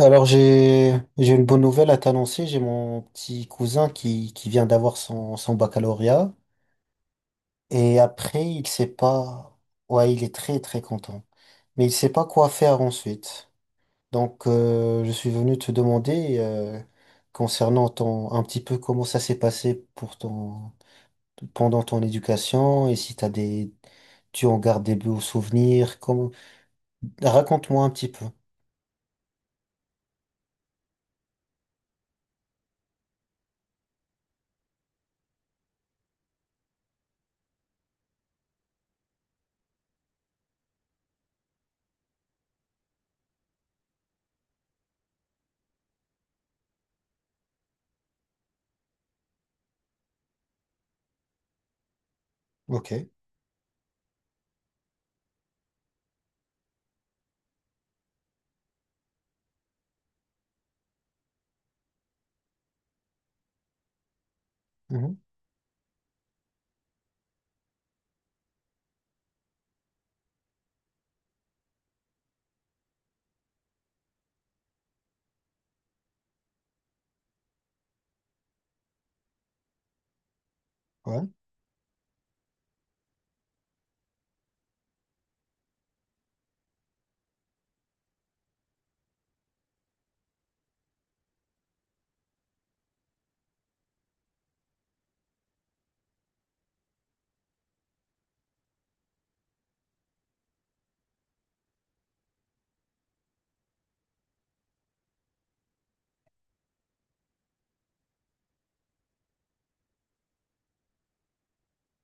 Alors j'ai une bonne nouvelle à t'annoncer. J'ai mon petit cousin qui vient d'avoir son baccalauréat et après il sait pas. Ouais, il est très très content, mais il sait pas quoi faire ensuite. Donc je suis venu te demander concernant ton un petit peu comment ça s'est passé pour ton pendant ton éducation et si t'as des tu en gardes des beaux souvenirs. Comment... Raconte-moi un petit peu. Ok. Mhm. Ouais.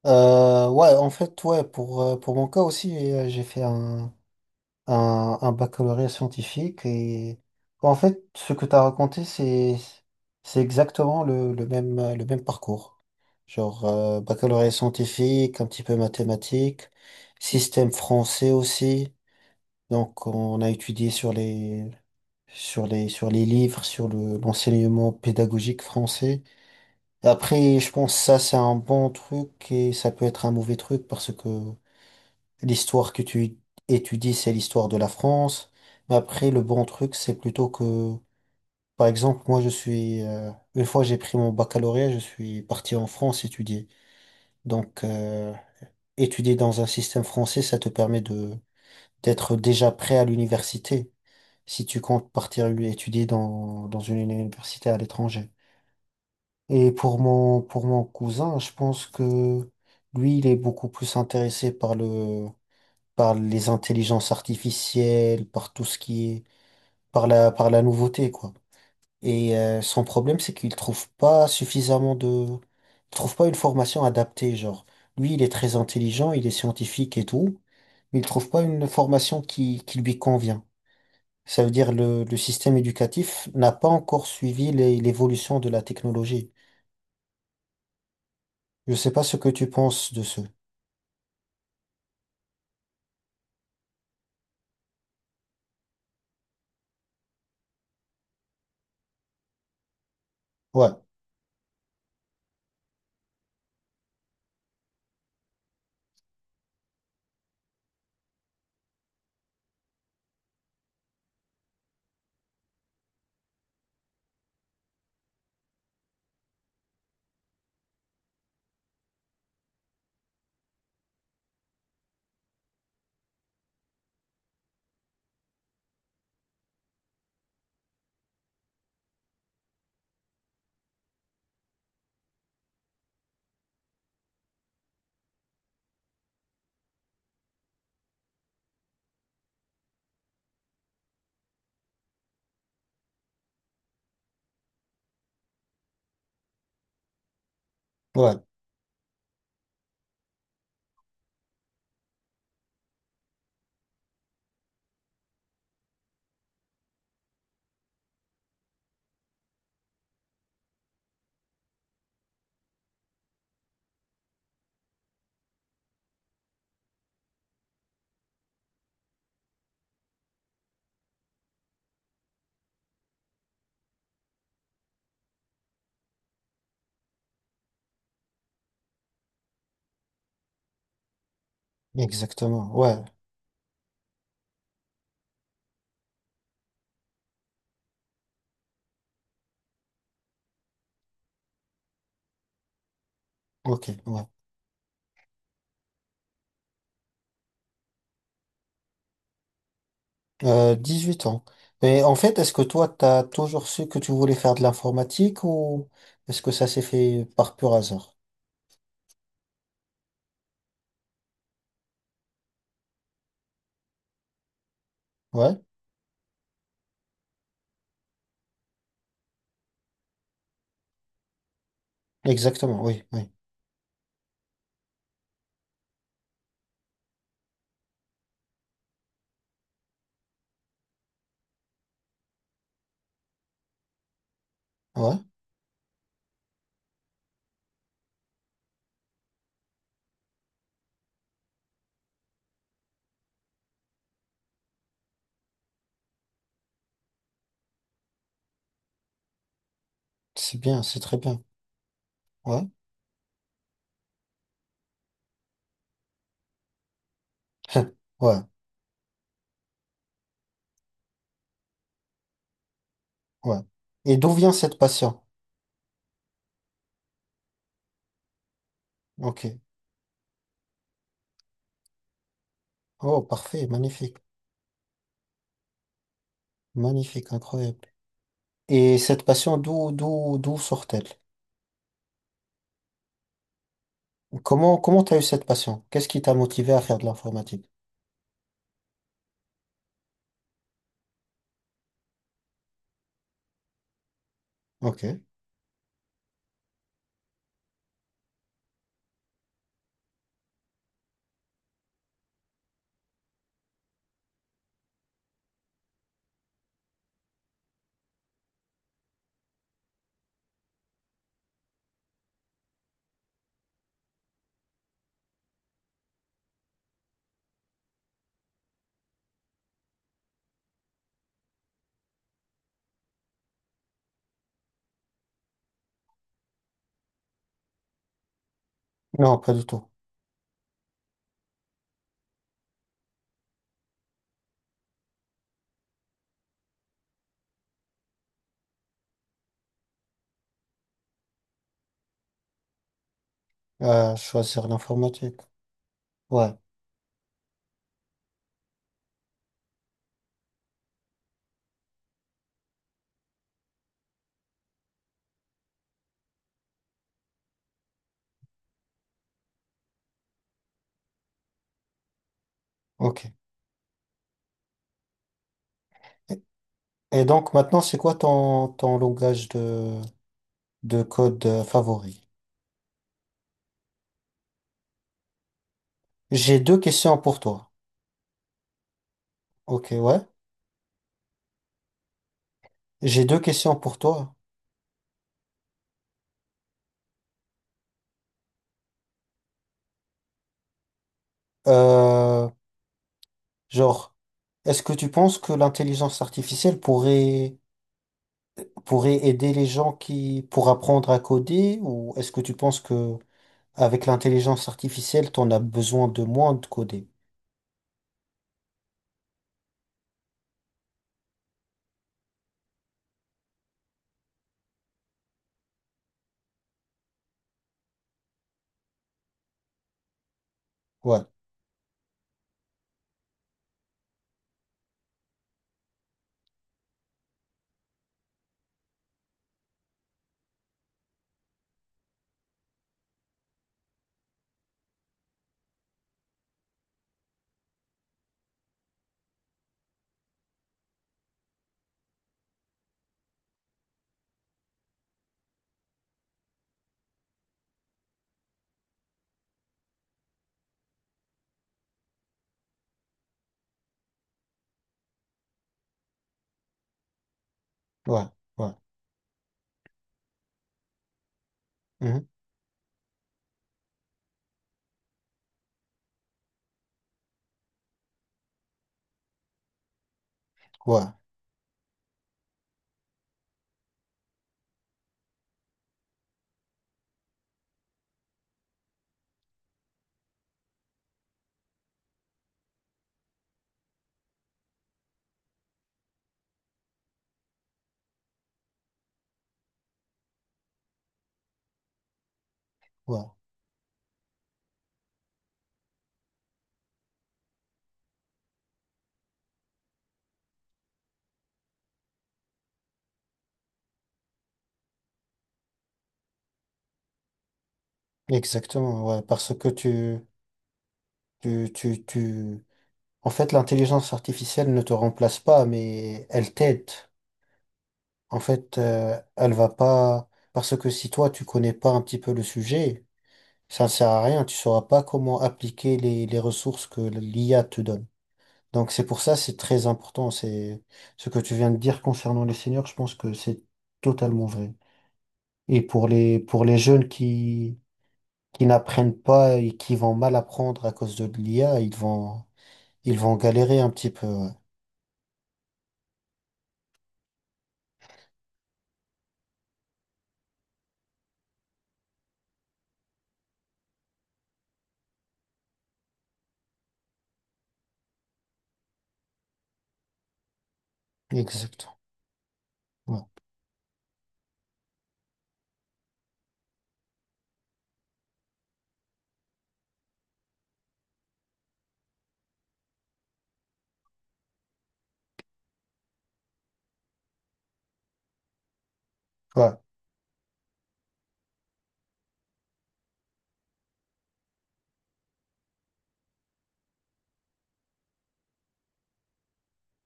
Ouais, en fait, pour mon cas aussi, j'ai fait un baccalauréat scientifique et en fait, ce que tu as raconté, c'est exactement le même parcours. Genre, baccalauréat scientifique, un petit peu mathématiques, système français aussi. Donc, on a étudié sur sur les livres, l'enseignement pédagogique français. Après, je pense que ça, c'est un bon truc et ça peut être un mauvais truc parce que l'histoire que tu étudies, c'est l'histoire de la France. Mais après, le bon truc, c'est plutôt que, par exemple, moi, je suis, une fois j'ai pris mon baccalauréat, je suis parti en France étudier. Donc, étudier dans un système français, ça te permet d'être déjà prêt à l'université si tu comptes partir étudier dans une université à l'étranger. Et pour pour mon cousin, je pense que lui, il est beaucoup plus intéressé par par les intelligences artificielles, par tout ce qui est, par par la nouveauté, quoi. Et son problème, c'est qu'il trouve pas suffisamment de, il trouve pas une formation adaptée, genre. Lui, il est très intelligent, il est scientifique et tout, mais il trouve pas une formation qui lui convient. Ça veut dire le système éducatif n'a pas encore suivi les- l'évolution de la technologie. Je sais pas ce que tu penses de ce. Ouais, ouais, exactement. Ouais, ok, ouais. 8 ans. Et en fait, est-ce que toi, t'as toujours su que tu voulais faire de l'informatique ou est-ce que ça s'est fait par pur hasard? Ouais, exactement, oui, oui. Ouais, c'est bien, c'est très bien. Ouais, ouais, ouais. Et d'où vient cette passion? Ok. Oh, parfait, magnifique, magnifique, incroyable. Et cette passion, d'où sort-elle? Comment, comment t'as eu cette passion? Qu'est-ce qui t'a motivé à faire de l'informatique? Ok. Non, pas du tout. Choisir l'informatique. Ouais, ok. Et, et donc maintenant, c'est quoi ton, ton langage de code favori? J'ai deux questions pour toi. Ok, ouais. J'ai deux questions pour toi. Euh, genre, est-ce que tu penses que l'intelligence artificielle pourrait, pourrait aider les gens qui, pour apprendre à coder, ou est-ce que tu penses que avec l'intelligence artificielle, t'en as besoin de moins de coder? Ouais, ouais, ouais. Mhm, ouais. Ouais, exactement, ouais, parce que tu... En fait, l'intelligence artificielle ne te remplace pas, mais elle t'aide. En fait, elle va pas... Parce que si toi, tu connais pas un petit peu le sujet, ça ne sert à rien, tu sauras pas comment appliquer les ressources que l'IA te donne. Donc c'est pour ça, c'est très important, c'est ce que tu viens de dire concernant les seniors, je pense que c'est totalement vrai. Et pour pour les jeunes qui n'apprennent pas et qui vont mal apprendre à cause de l'IA, ils vont galérer un petit peu. Ouais. Exact. Ouais. Ouais.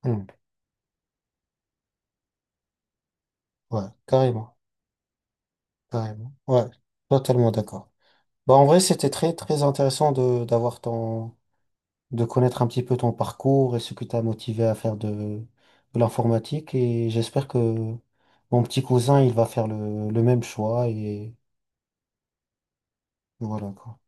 Mm. Ouais. Carrément. Carrément. Ouais. Totalement d'accord. Bah, en vrai, c'était très, très intéressant d'avoir ton, de connaître un petit peu ton parcours et ce qui t'a motivé à faire de l'informatique. Et j'espère que mon petit cousin, il va faire le même choix et voilà, quoi.